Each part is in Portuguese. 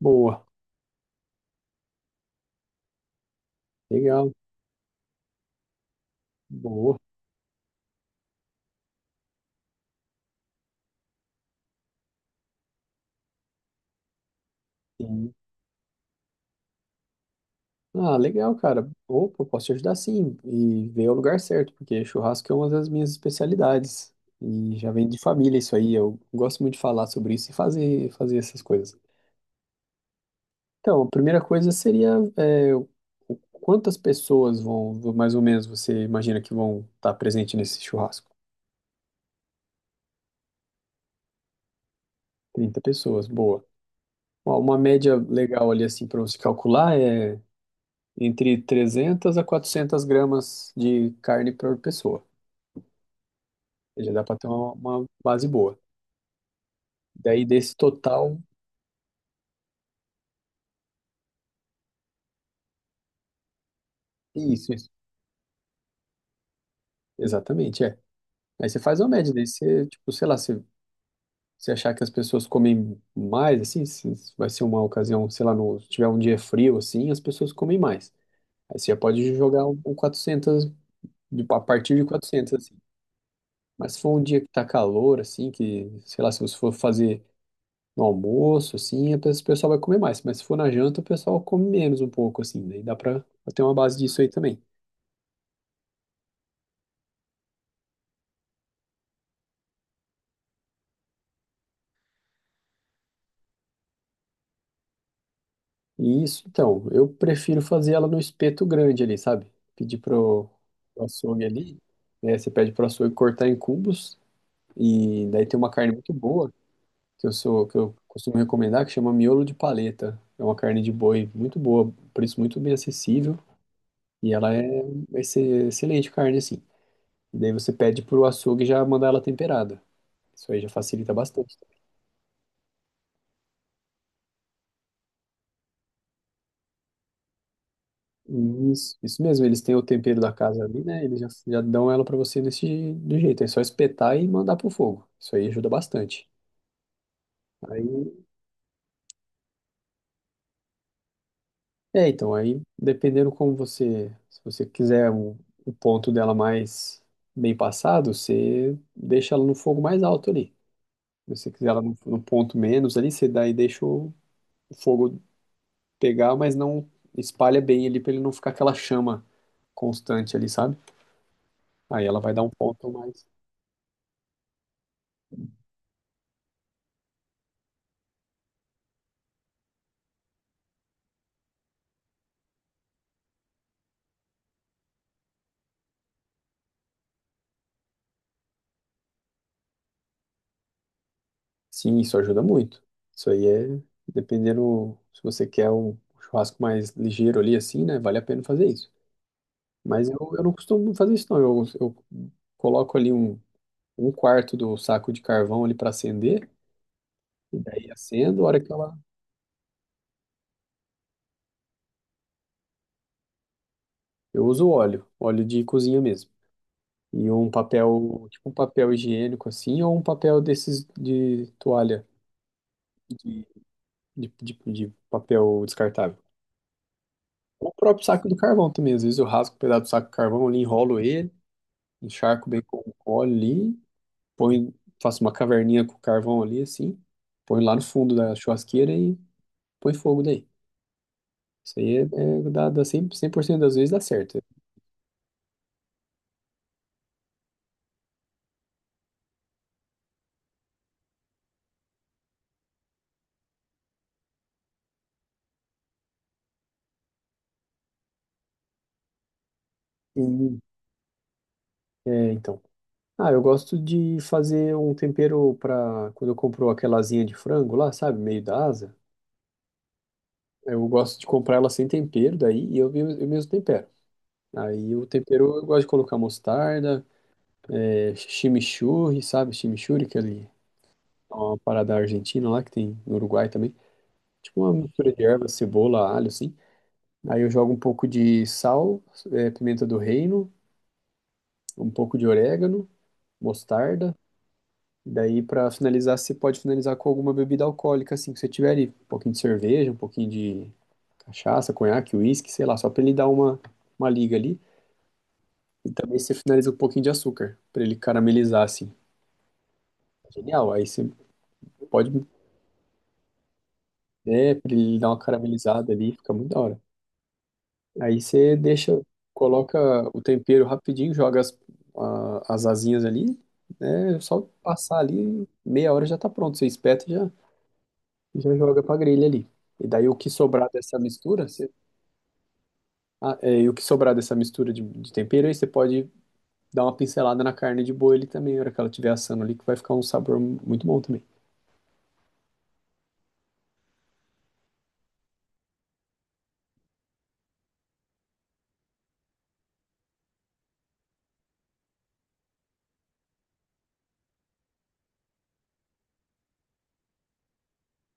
Boa, legal, boa, sim. Ah, legal, cara. Opa, posso te ajudar sim e ver o lugar certo, porque churrasco é uma das minhas especialidades e já vem de família isso aí. Eu gosto muito de falar sobre isso e fazer essas coisas. Então, a primeira coisa seria é, o- quantas pessoas mais ou menos, você imagina que vão estar presente nesse churrasco? 30 pessoas, boa. Ó, uma média legal ali assim para você calcular é entre 300 a 400 gramas de carne por pessoa. Já dá para ter uma base boa. Daí desse total, isso, isso. Exatamente, é. Aí você faz uma média, daí você, tipo, sei lá, se você achar que as pessoas comem mais, assim, se vai ser uma ocasião, sei lá, se tiver um dia frio, assim, as pessoas comem mais. Aí você já pode jogar um 400, a partir de 400, assim. Mas se for um dia que tá calor, assim, que, sei lá, se você for fazer no almoço, assim, o pessoal vai comer mais, mas se for na janta, o pessoal come menos um pouco, assim, daí dá pra ter uma base disso aí também. E isso, então, eu prefiro fazer ela no espeto grande ali, sabe? Pedir pro açougue ali, né? Você pede pro açougue cortar em cubos, e daí tem uma carne muito boa, que eu costumo recomendar, que chama miolo de paleta. É uma carne de boi muito boa, preço muito bem acessível, e ela é vai ser excelente carne, assim. E daí você pede pro açougue já mandar ela temperada. Isso aí já facilita bastante. Isso mesmo, eles têm o tempero da casa ali, né? Eles já dão ela pra você desse do jeito. É só espetar e mandar pro fogo. Isso aí ajuda bastante. Aí, então, aí dependendo como você, se você quiser o ponto dela mais bem passado, você deixa ela no fogo mais alto ali. Se você quiser ela no ponto menos ali, você daí deixa o fogo pegar, mas não espalha bem ali pra ele não ficar aquela chama constante ali, sabe? Aí ela vai dar um ponto mais. Sim, isso ajuda muito. Isso aí é, dependendo, se você quer um churrasco mais ligeiro ali, assim, né? Vale a pena fazer isso. Mas eu não costumo fazer isso, não. Eu coloco ali um quarto do saco de carvão ali para acender, e daí acendo, a hora que ela. Eu uso óleo, óleo de cozinha mesmo. E um papel, tipo um papel higiênico assim, ou um papel desses de toalha, de, de papel descartável. O próprio saco do carvão também. Às vezes eu rasgo um pedaço do saco do carvão ali, enrolo ele. Encharco bem com óleo ali, põe, faço uma caverninha com carvão ali, assim, põe lá no fundo da churrasqueira e põe fogo daí. Isso aí dá cem por cento das vezes dá certo. E, então. Ah, eu gosto de fazer um tempero para quando eu compro aquela asinha de frango lá, sabe, meio da asa. Eu gosto de comprar ela sem tempero daí e eu, eu mesmo tempero. Aí o tempero eu gosto de colocar mostarda, chimichurri, sabe, chimichurri, que é ali, uma parada argentina lá que tem no Uruguai também. Tipo uma mistura de ervas, cebola, alho, assim. Aí eu jogo um pouco de sal, pimenta do reino, um pouco de orégano, mostarda. Daí, pra finalizar, você pode finalizar com alguma bebida alcoólica, assim, que você tiver ali. Um pouquinho de cerveja, um pouquinho de cachaça, conhaque, uísque, sei lá, só pra ele dar uma liga ali. E também você finaliza com um pouquinho de açúcar, pra ele caramelizar, assim. Genial, aí você pode, pra ele dar uma caramelizada ali, fica muito da hora. Aí você deixa, coloca o tempero rapidinho, joga as, as asinhas ali, né? Só passar ali, meia hora já tá pronto. Você espeta e já joga pra grelha ali. E daí o que sobrar dessa mistura, você, e o que sobrar dessa mistura de tempero, aí você pode dar uma pincelada na carne de boi ali também, na hora que ela estiver assando ali, que vai ficar um sabor muito bom também.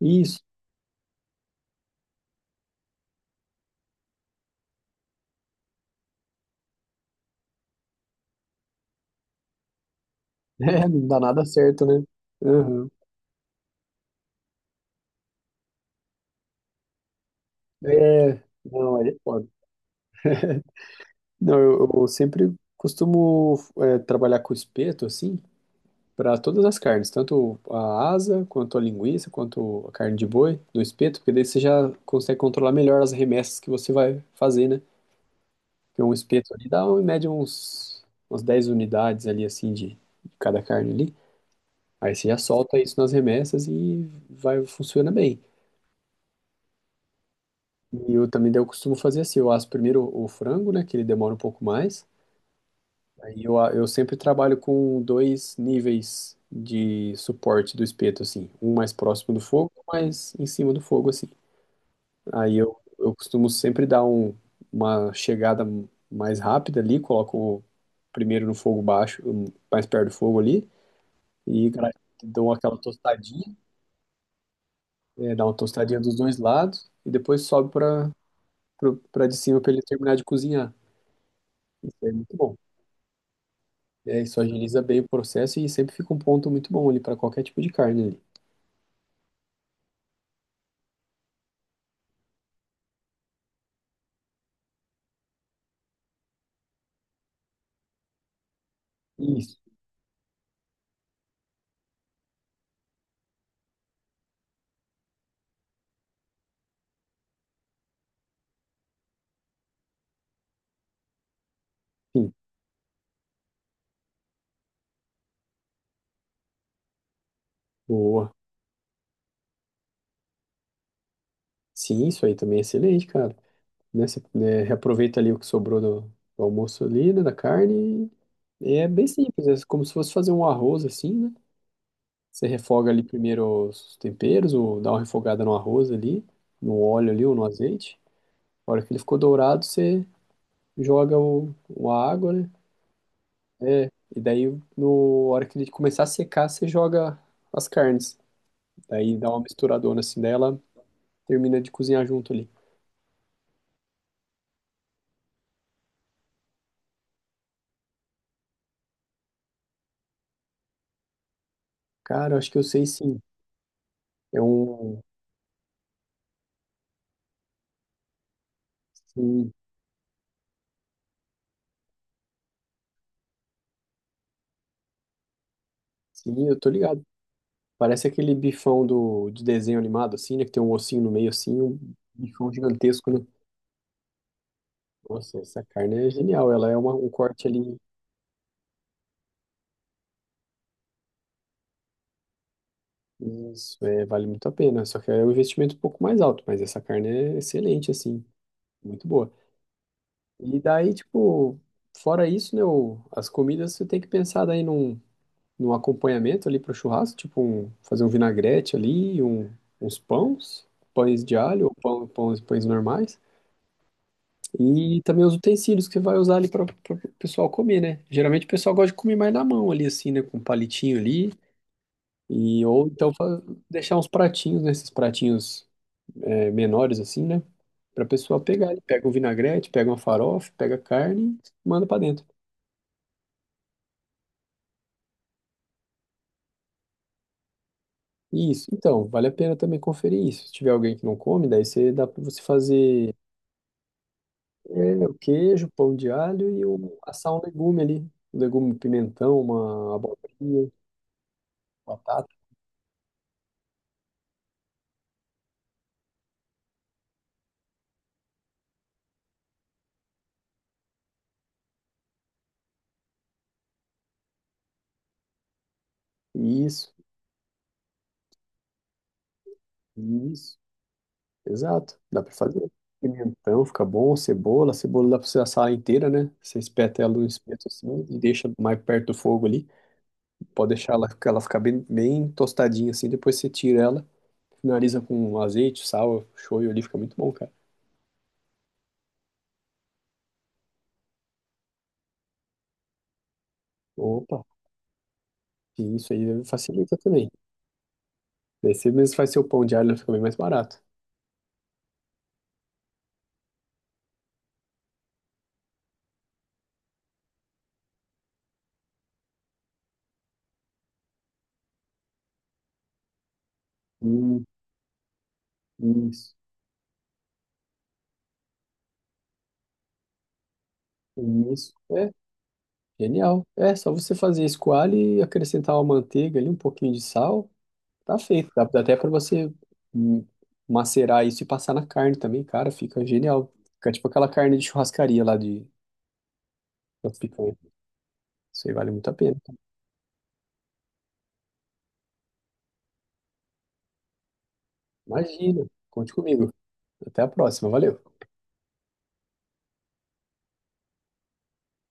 Isso. É, não dá nada certo, né? Uhum. É, não, aí é foda. Não, eu sempre costumo trabalhar com espeto, assim, para todas as carnes, tanto a asa, quanto a linguiça, quanto a carne de boi, no espeto, porque daí você já consegue controlar melhor as remessas que você vai fazer, né? Porque um espeto ali dá, em média, uns, umas 10 unidades ali, assim, de cada carne ali. Aí você já solta isso nas remessas e vai, funciona bem. E eu também, daí eu costumo fazer assim, eu asso primeiro o frango, né, que ele demora um pouco mais. Aí eu sempre trabalho com dois níveis de suporte do espeto, assim. Um mais próximo do fogo, um mais em cima do fogo, assim. Aí eu costumo sempre dar uma chegada mais rápida ali, coloco primeiro no fogo baixo, mais perto do fogo ali, e dou aquela tostadinha, dá uma tostadinha dos dois lados, e depois sobe para de cima para ele terminar de cozinhar. Isso é muito bom. É, isso agiliza bem o processo e sempre fica um ponto muito bom ali para qualquer tipo de carne. Isso, sim, boa. Sim, isso aí também é excelente, cara. Né, você, né, reaproveita ali o que sobrou do almoço ali, né, da carne. E é bem simples, é como se fosse fazer um arroz assim, né? Você refoga ali primeiro os temperos, ou dá uma refogada no arroz ali, no óleo ali ou no azeite. A hora que ele ficou dourado, você joga a água, né? E daí, no, a hora que ele começar a secar, você joga as carnes. Daí dá uma misturadona assim dela, termina de cozinhar junto ali. Cara, eu acho que eu sei sim. É um. Sim, sim, eu tô ligado. Parece aquele bifão do, de desenho animado, assim, né? Que tem um ossinho no meio, assim, um bifão gigantesco, né? Nossa, essa carne é genial. Ela é uma, um corte ali. Isso, é, vale muito a pena. Só que é um investimento um pouco mais alto, mas essa carne é excelente, assim, muito boa. E daí, tipo, fora isso, né? As comidas você tem que pensar daí num. No acompanhamento ali para o churrasco, tipo um, fazer um vinagrete ali, um, uns pães, pães de alho ou pão, pães, pães normais. E também os utensílios que você vai usar ali para o pessoal comer, né? Geralmente o pessoal gosta de comer mais na mão ali, assim, né? Com um palitinho ali. E, ou então deixar uns pratinhos, né? Esses pratinhos menores, assim, né? Para a pessoa pegar ali. Pega um vinagrete, pega uma farofa, pega carne, manda para dentro. Isso, então, vale a pena também conferir isso. Se tiver alguém que não come, daí você dá para você fazer. É, o queijo, pão de alho e assar um legume ali. Um legume, um pimentão, uma abobrinha, batata. Isso, isso. Exato. Dá pra fazer. Pimentão fica bom, cebola. Cebola dá pra você assar ela inteira, né? Você espeta ela no espeto assim e deixa mais perto do fogo ali. Pode deixar ela ficar bem, bem tostadinha assim. Depois você tira ela, finaliza com azeite, sal, shoyu ali. Fica muito bom, cara. Opa, e isso aí facilita também. Daí você mesmo faz seu pão de alho, fica bem mais barato. Hum. Isso, isso. É, genial. É, só você fazer a escoalha e acrescentar uma manteiga ali, um pouquinho de sal, tá feito. Dá até para você hum, macerar isso e passar na carne também, cara, fica genial. Fica tipo aquela carne de churrascaria lá de da picanha. Isso aí vale muito a pena. Imagina. Conte comigo. Até a próxima. Valeu.